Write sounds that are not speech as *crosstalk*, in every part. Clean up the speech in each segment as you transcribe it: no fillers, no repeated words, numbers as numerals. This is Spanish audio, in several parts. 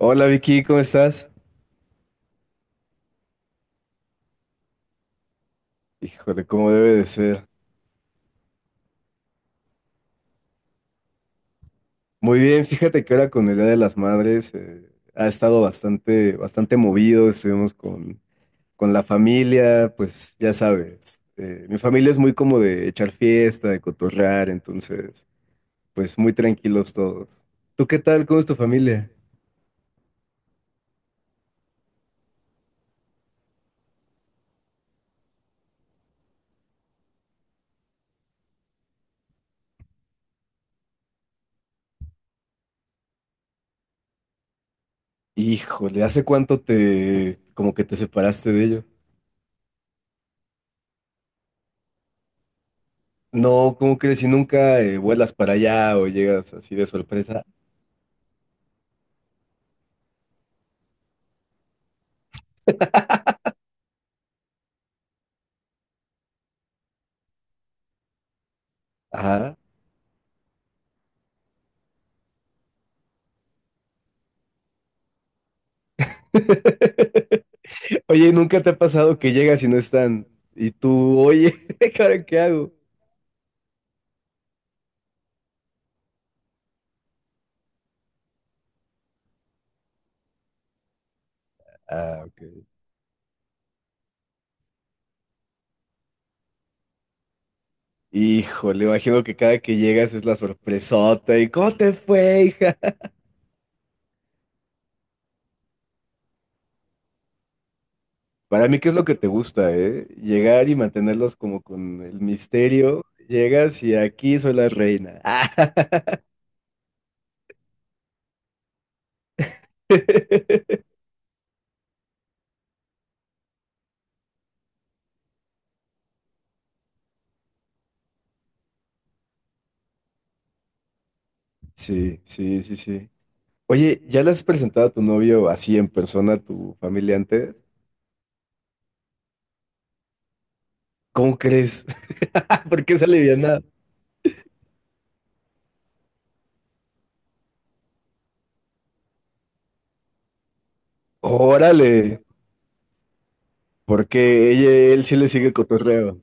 Hola Vicky, ¿cómo estás? Híjole, ¿cómo debe de ser? Muy bien, fíjate que ahora con el Día de las Madres ha estado bastante movido, estuvimos con la familia, pues ya sabes, mi familia es muy como de echar fiesta, de cotorrear, entonces, pues muy tranquilos todos. ¿Tú qué tal? ¿Cómo es tu familia? Híjole, ¿hace cuánto te, como que te separaste de ellos? No, ¿cómo crees? Si nunca vuelas para allá o llegas así de sorpresa. Ajá. *laughs* Oye, ¿nunca te ha pasado que llegas y no están? Y tú, oye, *laughs* ¿ahora qué hago? Ah, ok. Híjole, imagino que cada que llegas es la sorpresota y ¿cómo te fue, hija? Para mí, ¿qué es lo que te gusta, eh? Llegar y mantenerlos como con el misterio. Llegas y aquí soy la reina. *laughs* Sí, sí, sí, sí. Oye, ¿ya le has presentado a tu novio así en persona a tu familia antes? ¿Cómo crees? *laughs* ¿Por qué se aliviana? Órale. Porque ella, él sí le sigue el cotorreo.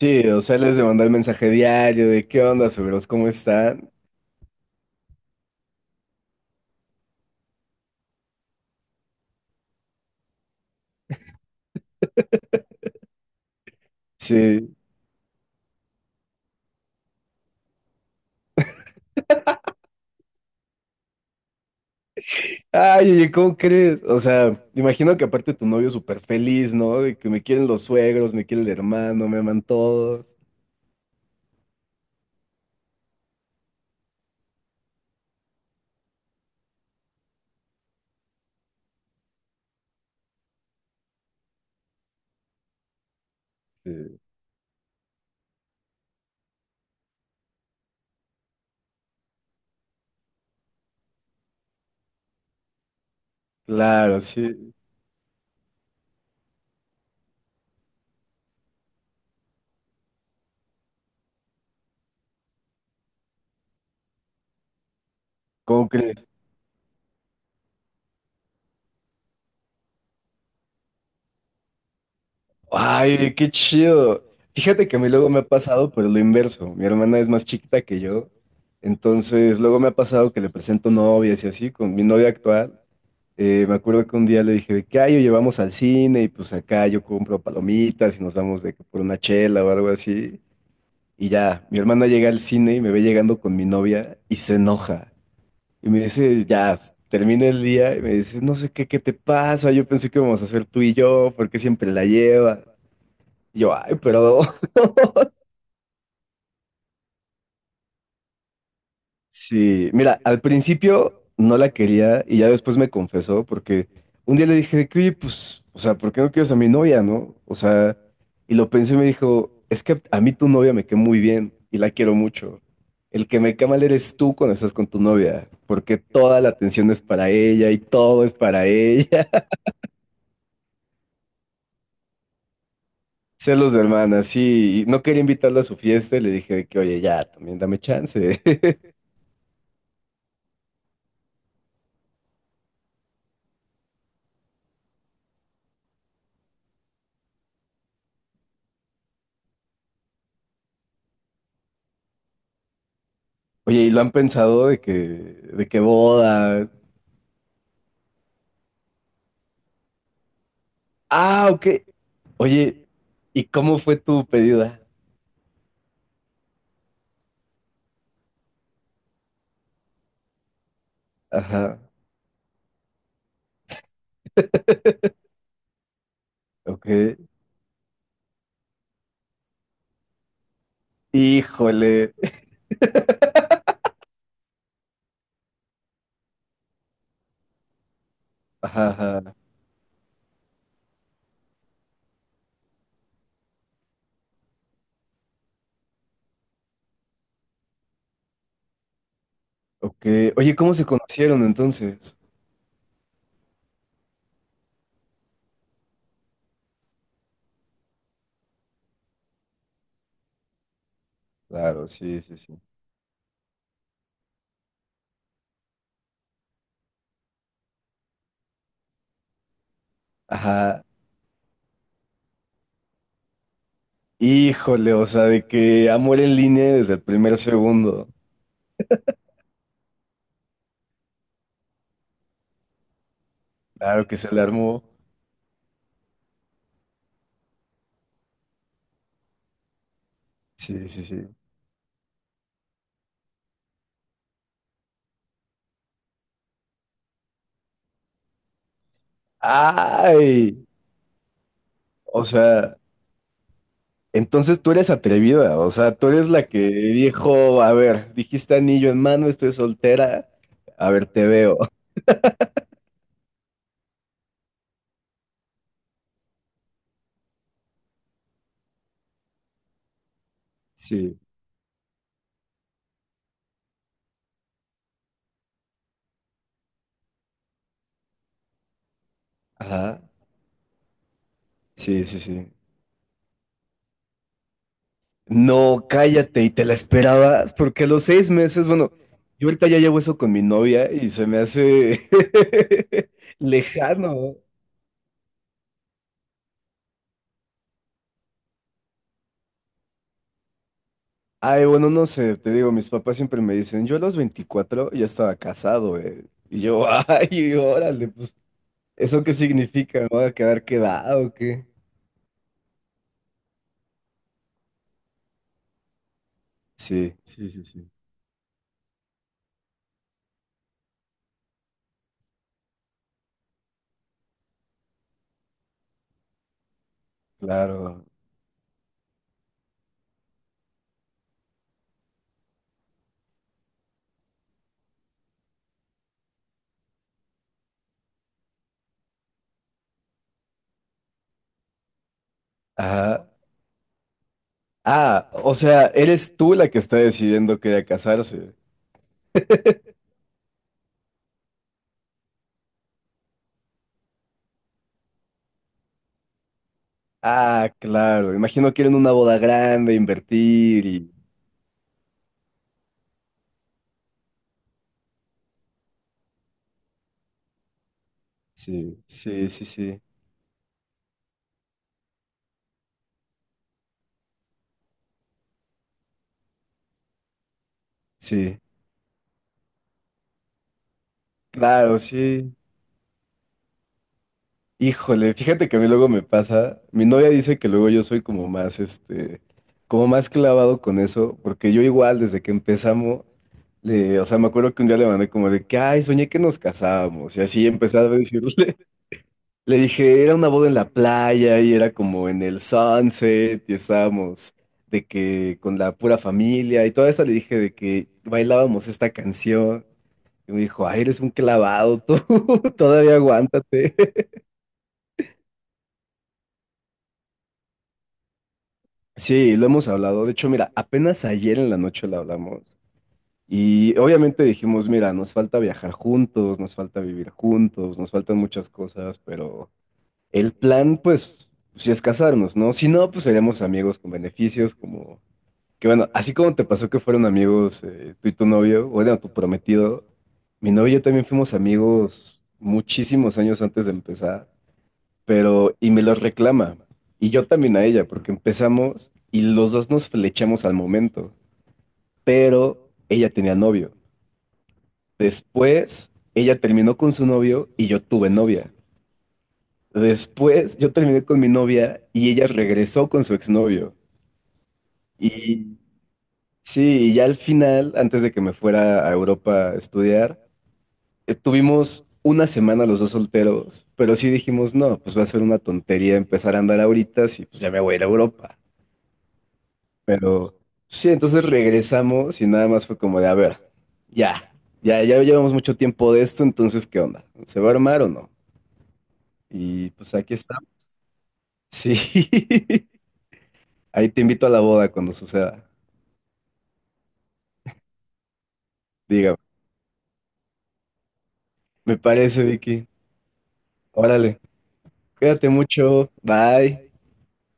Sí, o sea, les de mandar el mensaje diario de qué onda, suegros, ¿cómo están? Sí. Ay, oye, ¿cómo crees? O sea, imagino que aparte tu novio súper feliz, ¿no? De que me quieren los suegros, me quiere el hermano, me aman todos. Sí. Claro, sí. ¿Cómo crees? Ay, qué chido. Fíjate que a mí luego me ha pasado, pero lo inverso. Mi hermana es más chiquita que yo. Entonces, luego me ha pasado que le presento novias y así, con mi novia actual. Me acuerdo que un día le dije de que, ay, oye, vamos al cine y pues acá yo compro palomitas y nos vamos de que por una chela o algo así. Y ya, mi hermana llega al cine y me ve llegando con mi novia y se enoja. Y me dice, ya, termina el día y me dice, no sé qué, qué te pasa, yo pensé que íbamos a hacer tú y yo, ¿por qué siempre la llevas? Yo, ay, pero *laughs* sí, mira, al principio no la quería y ya después me confesó porque un día le dije de que, oye, pues, o sea, ¿por qué no quieres a mi novia, no? O sea, y lo pensé y me dijo, es que a mí tu novia me cae muy bien y la quiero mucho. El que me cae mal eres tú cuando estás con tu novia, porque toda la atención es para ella y todo es para ella. *laughs* Celos de hermana, sí. Y no quería invitarla a su fiesta y le dije de que, oye, ya, también dame chance. *laughs* Oye, ¿y lo han pensado de que boda? Ah, ok. Oye, ¿y cómo fue tu pedida? Ajá, ok. Híjole. Ajá, ajá, ok. Oye, ¿cómo se conocieron entonces? Claro, sí, sí, sí. Ajá. Híjole, o sea, de que amor en línea desde el primer segundo. Claro que se le armó. Sí, sí, sí. Ay, o sea, entonces tú eres atrevida, o sea, tú eres la que dijo, a ver, dijiste anillo en mano, estoy soltera, a ver, te veo. *laughs* Sí. Ajá, sí, sí, sí. No, cállate, y te la esperabas, porque a los 6 meses, bueno, yo ahorita ya llevo eso con mi novia y se me hace *laughs* lejano. Ay, bueno, no sé, te digo, mis papás siempre me dicen, yo a los 24 ya estaba casado, eh. Y yo, *laughs* ay, órale, pues, ¿eso qué significa? ¿Me voy a quedar quedado o qué? Sí, sí, sí, sí, claro. Ajá. Ah, o sea, eres tú la que está decidiendo que ya casarse. Ah, claro. Imagino que era en una boda grande, invertir y... Sí, sí, sí, sí, sí. Claro, sí. Híjole, fíjate que a mí luego me pasa. Mi novia dice que luego yo soy como más, este, como más clavado con eso, porque yo igual desde que empezamos, le, o sea, me acuerdo que un día le mandé como de que, ay, soñé que nos casábamos, y así empecé a decirle. Le dije, era una boda en la playa y era como en el sunset y estábamos de que con la pura familia y toda esa le dije de que bailábamos esta canción y me dijo, ay, eres un clavado tú, *laughs* todavía aguántate. Sí, lo hemos hablado. De hecho, mira, apenas ayer en la noche lo hablamos y obviamente dijimos, mira, nos falta viajar juntos, nos falta vivir juntos, nos faltan muchas cosas, pero el plan, pues, si es casarnos, ¿no? Si no, pues seremos amigos con beneficios como. Que bueno, así como te pasó que fueron amigos tú y tu novio, bueno, tu prometido, mi novio y yo también fuimos amigos muchísimos años antes de empezar, pero y me los reclama. Y yo también a ella, porque empezamos y los dos nos flechamos al momento, pero ella tenía novio. Después, ella terminó con su novio y yo tuve novia. Después, yo terminé con mi novia y ella regresó con su exnovio. Y sí, y ya al final, antes de que me fuera a Europa a estudiar, tuvimos una semana los dos solteros, pero sí dijimos, no, pues va a ser una tontería empezar a andar ahorita, si pues ya me voy a ir a Europa. Pero sí, entonces regresamos y nada más fue como de, a ver, ya, ya llevamos mucho tiempo de esto, entonces, ¿qué onda? ¿Se va a armar o no? Y pues aquí está. Sí, *laughs* ahí te invito a la boda cuando suceda. Dígame, me parece, Vicky. Órale, cuídate mucho, bye.